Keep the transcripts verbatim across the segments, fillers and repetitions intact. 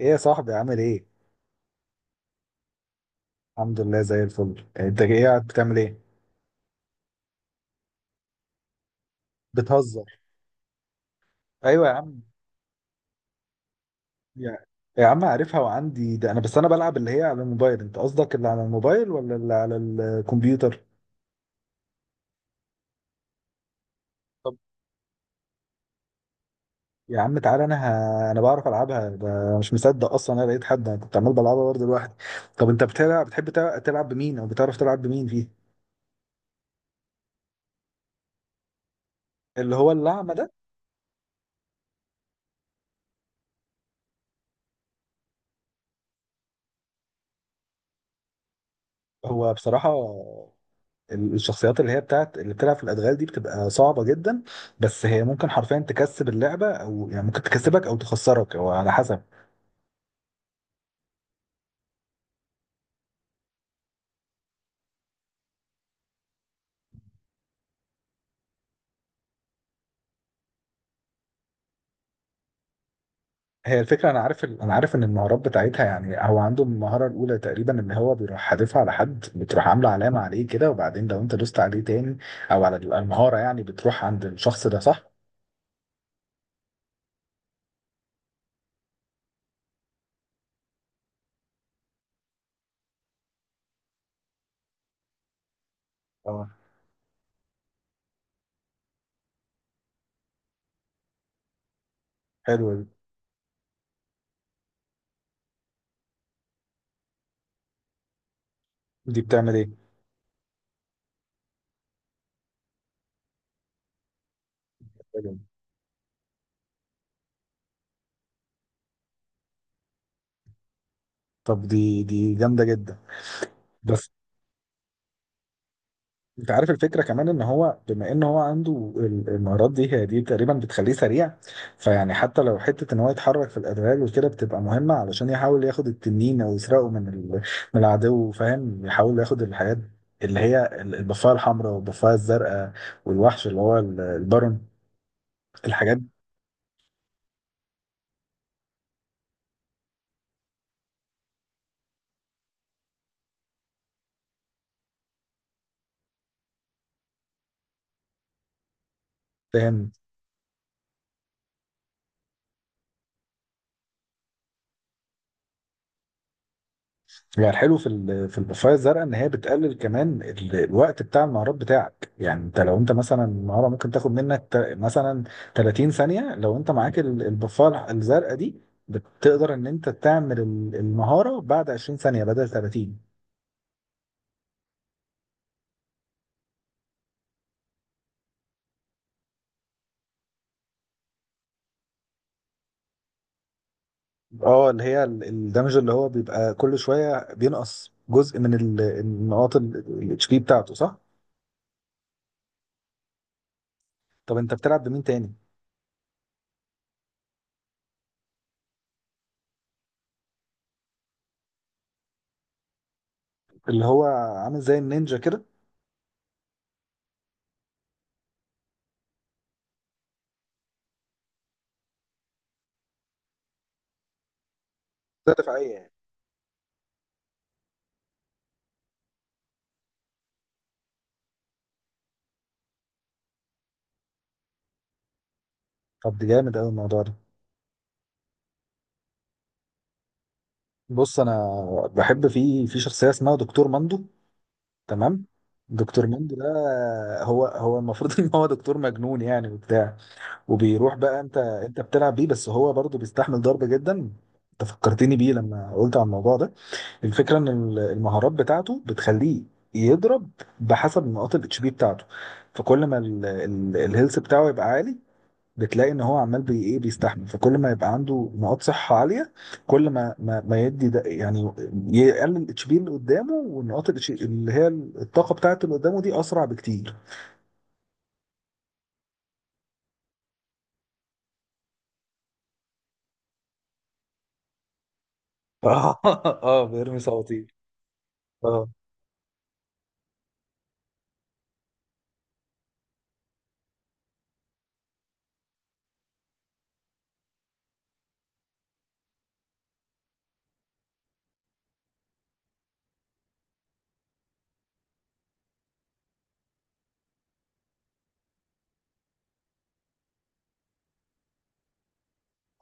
ايه يا صاحبي عامل ايه؟ الحمد لله زي الفل. انت ايه قاعد بتعمل ايه؟ بتهزر. ايوه يا عم. يا, يا عم عارفها وعندي ده، انا بس انا بلعب اللي هي على الموبايل. انت قصدك اللي على الموبايل ولا اللي على الكمبيوتر؟ طب يا عم تعالى انا. ه... انا بعرف العبها، ده مش مصدق اصلا انا لقيت حد، انا كنت عمال بلعبها برضه لوحدي. طب انت بتلعب، بتحب تلعب، تلعب بمين او بتعرف تلعب بمين فيه؟ اللي هو الأعمى ده. هو بصراحة الشخصيات اللي هي بتاعت اللي بتلعب في الادغال دي بتبقى صعبه جدا، بس هي ممكن حرفيا تكسب اللعبه، او يعني ممكن تكسبك او تخسرك او على حسب. هي الفكره، انا عارف، انا عارف ان المهارات بتاعتها يعني هو عنده المهاره الاولى تقريبا ان هو بيروح حادفها على حد، بتروح عامله علامه عليه كده، وبعدين لو انت دوست عليه تاني او على المهاره يعني بتروح عند الشخص ده، صح؟ اه، حلوه دي. دي بتعمل ايه؟ حلوة. طب دي دي جامده جدا. بس انت عارف الفكره كمان ان هو، بما ان هو عنده ال- المهارات دي، هي دي تقريبا بتخليه سريع. فيعني حتى لو حته ان هو يتحرك في الادوار وكده، بتبقى مهمه علشان يحاول ياخد التنين او يسرقه من ال- من العدو، فاهم؟ يحاول ياخد الحاجات اللي هي ال- البفايه الحمراء والبفايه الزرقاء، والوحش اللي هو ال- البارون. الحاجات دي، فاهم. يعني الحلو في ال- في البوفايه الزرقاء ان هي بتقلل كمان ال- الوقت بتاع النهارات بتاعك، يعني انت لو انت مثلا النهارده ممكن تاخد منك تا- مثلا ثلاتين ثانيه، لو انت معاك ال- البوفايه الزرقاء دي بتقدر ان انت تعمل ال- المهاره بعد عشرين ثانيه بدل ثلاتين. اه، اللي هي ال- الدمج اللي هو بيبقى كل شويه بينقص جزء من ال- النقاط الاتش بي بتاعته، صح. طب انت بتلعب بمين تاني؟ اللي هو عامل زي النينجا كده. ده دفاعيه يعني. طب دي جامد قوي الموضوع ده. بص انا بحب في في شخصيه اسمها دكتور مندو. تمام. دكتور مندو ده هو هو المفروض ان هو دكتور مجنون يعني وبتاع، وبيروح بقى، انت انت بتلعب بيه، بس هو برضه بيستحمل ضرب جدا. انت فكرتني بيه لما قلت على الموضوع ده. الفكره ان ال- المهارات بتاعته بتخليه يضرب بحسب نقاط الاتش بي بتاعته، فكل ما الهيلث بتاعه يبقى عالي، بتلاقي ان هو عمال بي ايه بيستحمل. فكل ما يبقى عنده نقاط صحه عاليه، كل ما ما, ما يدي ده، يعني يقلل الاتش بي اللي قدامه، والنقاط ال H P اللي هي الطاقه بتاعته اللي قدامه دي، اسرع بكتير. اه، بيرمي صواريخ. اه.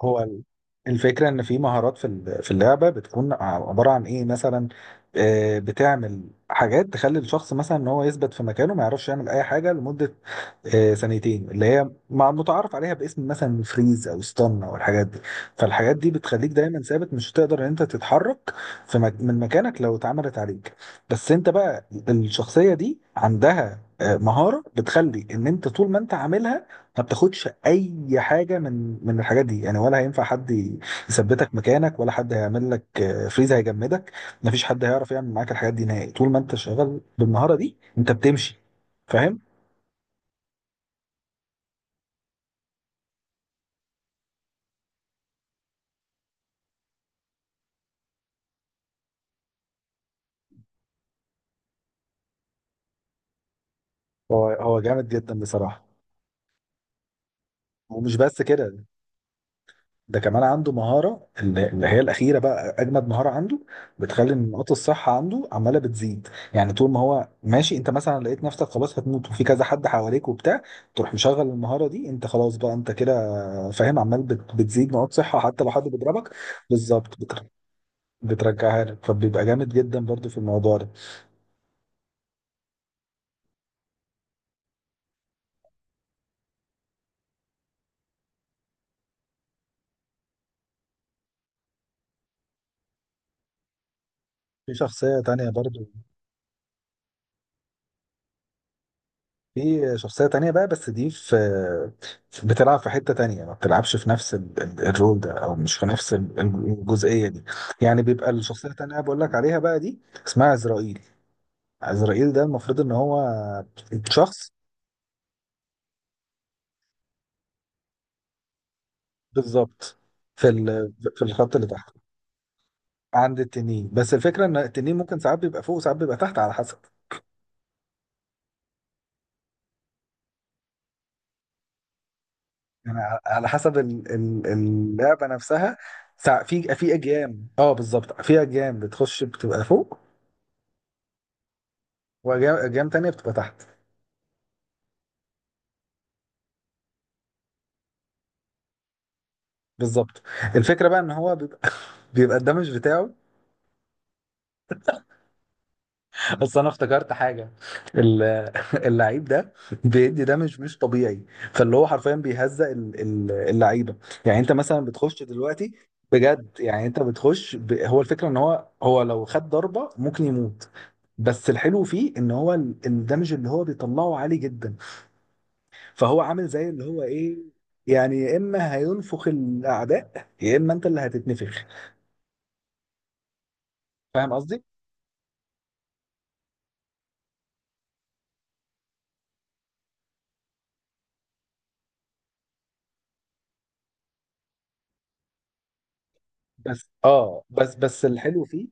هو ال- الفكرة إن في مهارات في ال- في اللعبة بتكون عبارة عن إيه، مثلا آه، بتعمل حاجات تخلي الشخص مثلا إن هو يثبت في مكانه، ما يعرفش يعمل أي حاجة لمدة آه، ثانيتين، اللي هي مع متعارف عليها باسم مثلا فريز أو ستان أو الحاجات دي. فالحاجات دي بتخليك دايما ثابت، مش هتقدر إن أنت تتحرك في مك من مكانك لو اتعملت عليك. بس أنت بقى الشخصية دي عندها آه، مهارة بتخلي إن أنت طول ما أنت عاملها ما بتاخدش اي حاجه من من الحاجات دي يعني، ولا هينفع حد يثبتك مكانك، ولا حد هيعمل لك آه، فريز هيجمدك. ما فيش حد هيعرف يعمل معاك الحاجات دي نهائي طول ما انت شغال بالمهاره دي، انت بتمشي، فاهم. هو هو جامد جدا بصراحه. ومش بس كده، ده كمان عنده مهارة اللي اللي هي الأخيرة بقى، أجمد مهارة عنده، بتخلي نقاط الصحة عنده عمالة بتزيد. يعني طول ما هو ماشي، أنت مثلا لقيت نفسك خلاص هتموت وفي كذا حد حواليك وبتاع، تروح مشغل المهارة دي، أنت خلاص بقى، أنت كده، فاهم، عمال بت- بتزيد نقاط صحة حتى لو حد بيضربك. بالظبط. بتر- بترجعها لك، فبيبقى جامد جدا برضو في الموضوع ده. في شخصية تانية برضو. في شخصية تانية بقى، بس دي في في- بتلعب في حتة تانية، ما بتلعبش في نفس ال- ال- الرول ده أو مش في نفس ال- الجزئية دي، يعني بيبقى الشخصية التانية بقول لك عليها بقى دي. اسمها عزرائيل. عزرائيل ده المفروض إن هو شخص. بالظبط. في ال- في الخط اللي تحت، عند التنين. بس الفكرة إن التنين ممكن ساعات بيبقى فوق وساعات بيبقى تحت على حسب. يعني ع- على حسب ال- ال- اللعبة نفسها. ساع- في في أجيام، اه بالظبط، في أجيام بتخش بتبقى فوق، وجام تانية بتبقى تحت. بالظبط. الفكرة بقى ان هو بيبقى بيبقى الدمج بتاعه، اصل انا افتكرت حاجة، ال- اللعيب ده بيدي دمج مش طبيعي، فاللي هو حرفيا بيهزق ال- ال- اللعيبة. يعني انت مثلا بتخش دلوقتي بجد، يعني انت بتخش ب... هو الفكرة ان هو هو لو خد ضربة ممكن يموت، بس الحلو فيه ان هو ال- الدمج اللي هو بيطلعه عالي جدا، فهو عامل زي اللي هو ايه، يعني يا اما هينفخ الاعداء، يا اما انت اللي هتتنفخ. فاهم قصدي. بس اه بس بس الحلو فيه.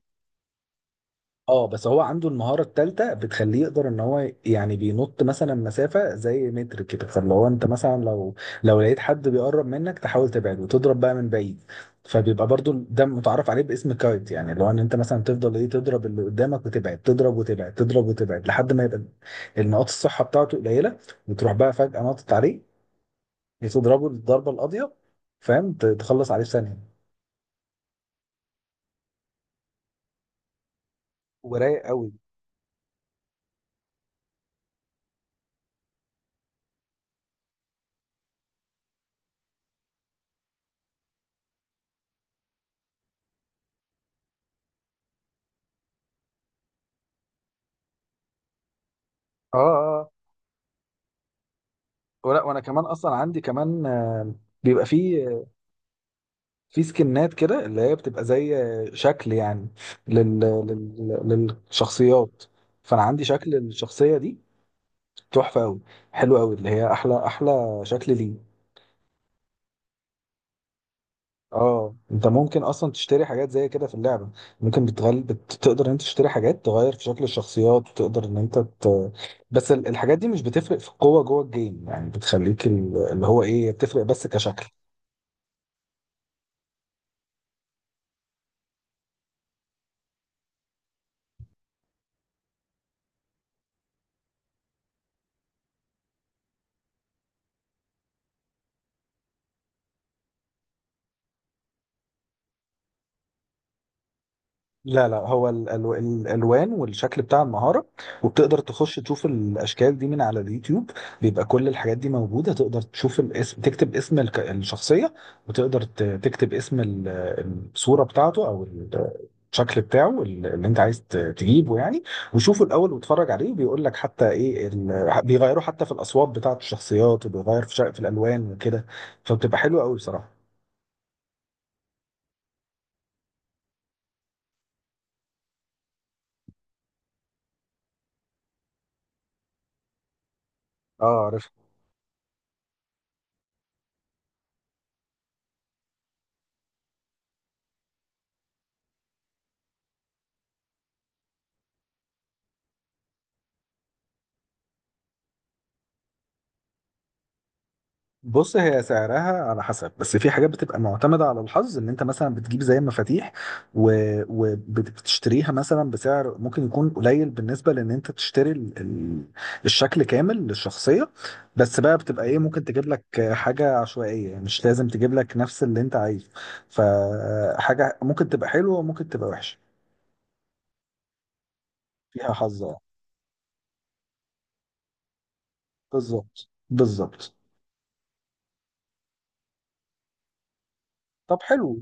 اه، بس هو عنده المهارة التالتة بتخليه يقدر ان هو يعني بينط مثلا مسافة زي متر كده، فاللي هو انت مثلا لو لو لقيت حد بيقرب منك تحاول تبعده وتضرب بقى من بعيد. فبيبقى برضو ده متعرف عليه باسم كايت، يعني اللي هو ان انت مثلا تفضل ايه تضرب اللي قدامك وتبعد، تضرب وتبعد، تضرب وتبعد، لحد ما يبقى النقاط الصحة بتاعته قليلة، وتروح بقى فجأة ناطط عليه تضربه الضربة القاضية. فاهم، ت- تخلص عليه في ثانية. ورايق قوي. اه اه. ولا وانا كمان اصلا عندي كمان آه، بيبقى فيه في سكنات كده، اللي هي بتبقى زي آه، شكل يعني لل... لل... للشخصيات. فانا عندي شكل للشخصيه دي، تحفه قوي، حلو قوي، اللي هي احلى احلى شكل ليه. اه انت ممكن اصلا تشتري حاجات زي كده في اللعبه. ممكن بتغل... بت... تقدر ان انت تشتري حاجات تغير في شكل الشخصيات، تقدر ان انت ت... بس ال- الحاجات دي مش بتفرق في القوه جوه الجيم، يعني بتخليك ال- اللي هو ايه، بتفرق بس كشكل. لا لا، هو ال- ال- الالوان والشكل بتاع المهاره. وبتقدر تخش تشوف الاشكال دي من على اليوتيوب، بيبقى كل الحاجات دي موجوده. تقدر تشوف الاسم، تكتب اسم الك- الشخصيه، وتقدر ت- تكتب اسم ال- الصوره بتاعته او ال- الشكل بتاعه ال- اللي انت عايز ت- تجيبه يعني، وشوفه الاول واتفرج عليه، بيقول لك حتى ايه ال- بيغيروا حتى في الاصوات بتاعت الشخصيات، وبيغير في شق- في الالوان وكده. فبتبقى حلوه قوي بصراحه. اه عارف. بص هي سعرها على حسب، بس في حاجات بتبقى معتمدة على الحظ، ان انت مثلا بتجيب زي مفاتيح وبتشتريها مثلا بسعر ممكن يكون قليل بالنسبة لان انت تشتري ال- ال- الشكل كامل للشخصية، بس بقى بتبقى ايه، ممكن تجيب لك حاجة عشوائية، يعني مش لازم تجيب لك نفس اللي انت عايزه، فحاجة ممكن تبقى حلوة وممكن تبقى وحشة. فيها حظ اه. بالظبط بالظبط. طب حلو.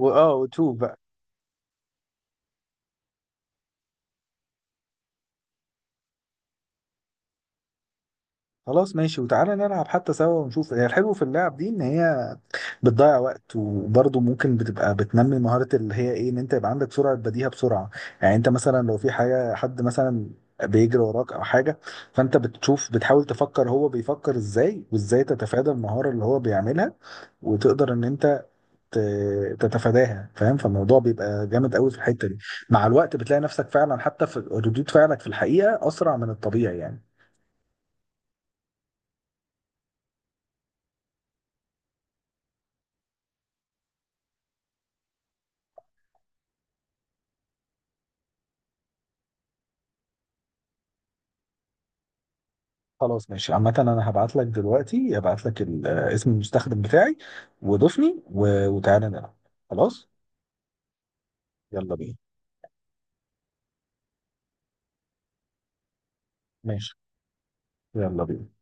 واه وتشوف بقى. خلاص ماشي، وتعالى نلعب حتى سوا، ونشوف. هي الحلو في اللعب دي ان هي بتضيع وقت، وبرضه ممكن بتبقى بتنمي مهارة اللي هي ايه، ان انت يبقى عندك سرعة بديهة بسرعة، يعني انت مثلا لو في حاجة، حد مثلا بيجري وراك او حاجة، فانت بتشوف، بتحاول تفكر هو بيفكر ازاي، وازاي تتفادى المهارة اللي هو بيعملها، وتقدر ان انت ت- تتفاداها، فاهم. فالموضوع بيبقى جامد قوي في الحتة دي. مع الوقت بتلاقي نفسك فعلا حتى في ردود فعلك في الحقيقة اسرع من الطبيعي يعني. خلاص ماشي. عامة انا هبعت لك دلوقتي، هبعت لك ال- آه، اسم المستخدم بتاعي، وضيفني و- وتعالى نلعب. خلاص. يلا بينا. ماشي. يلا بينا.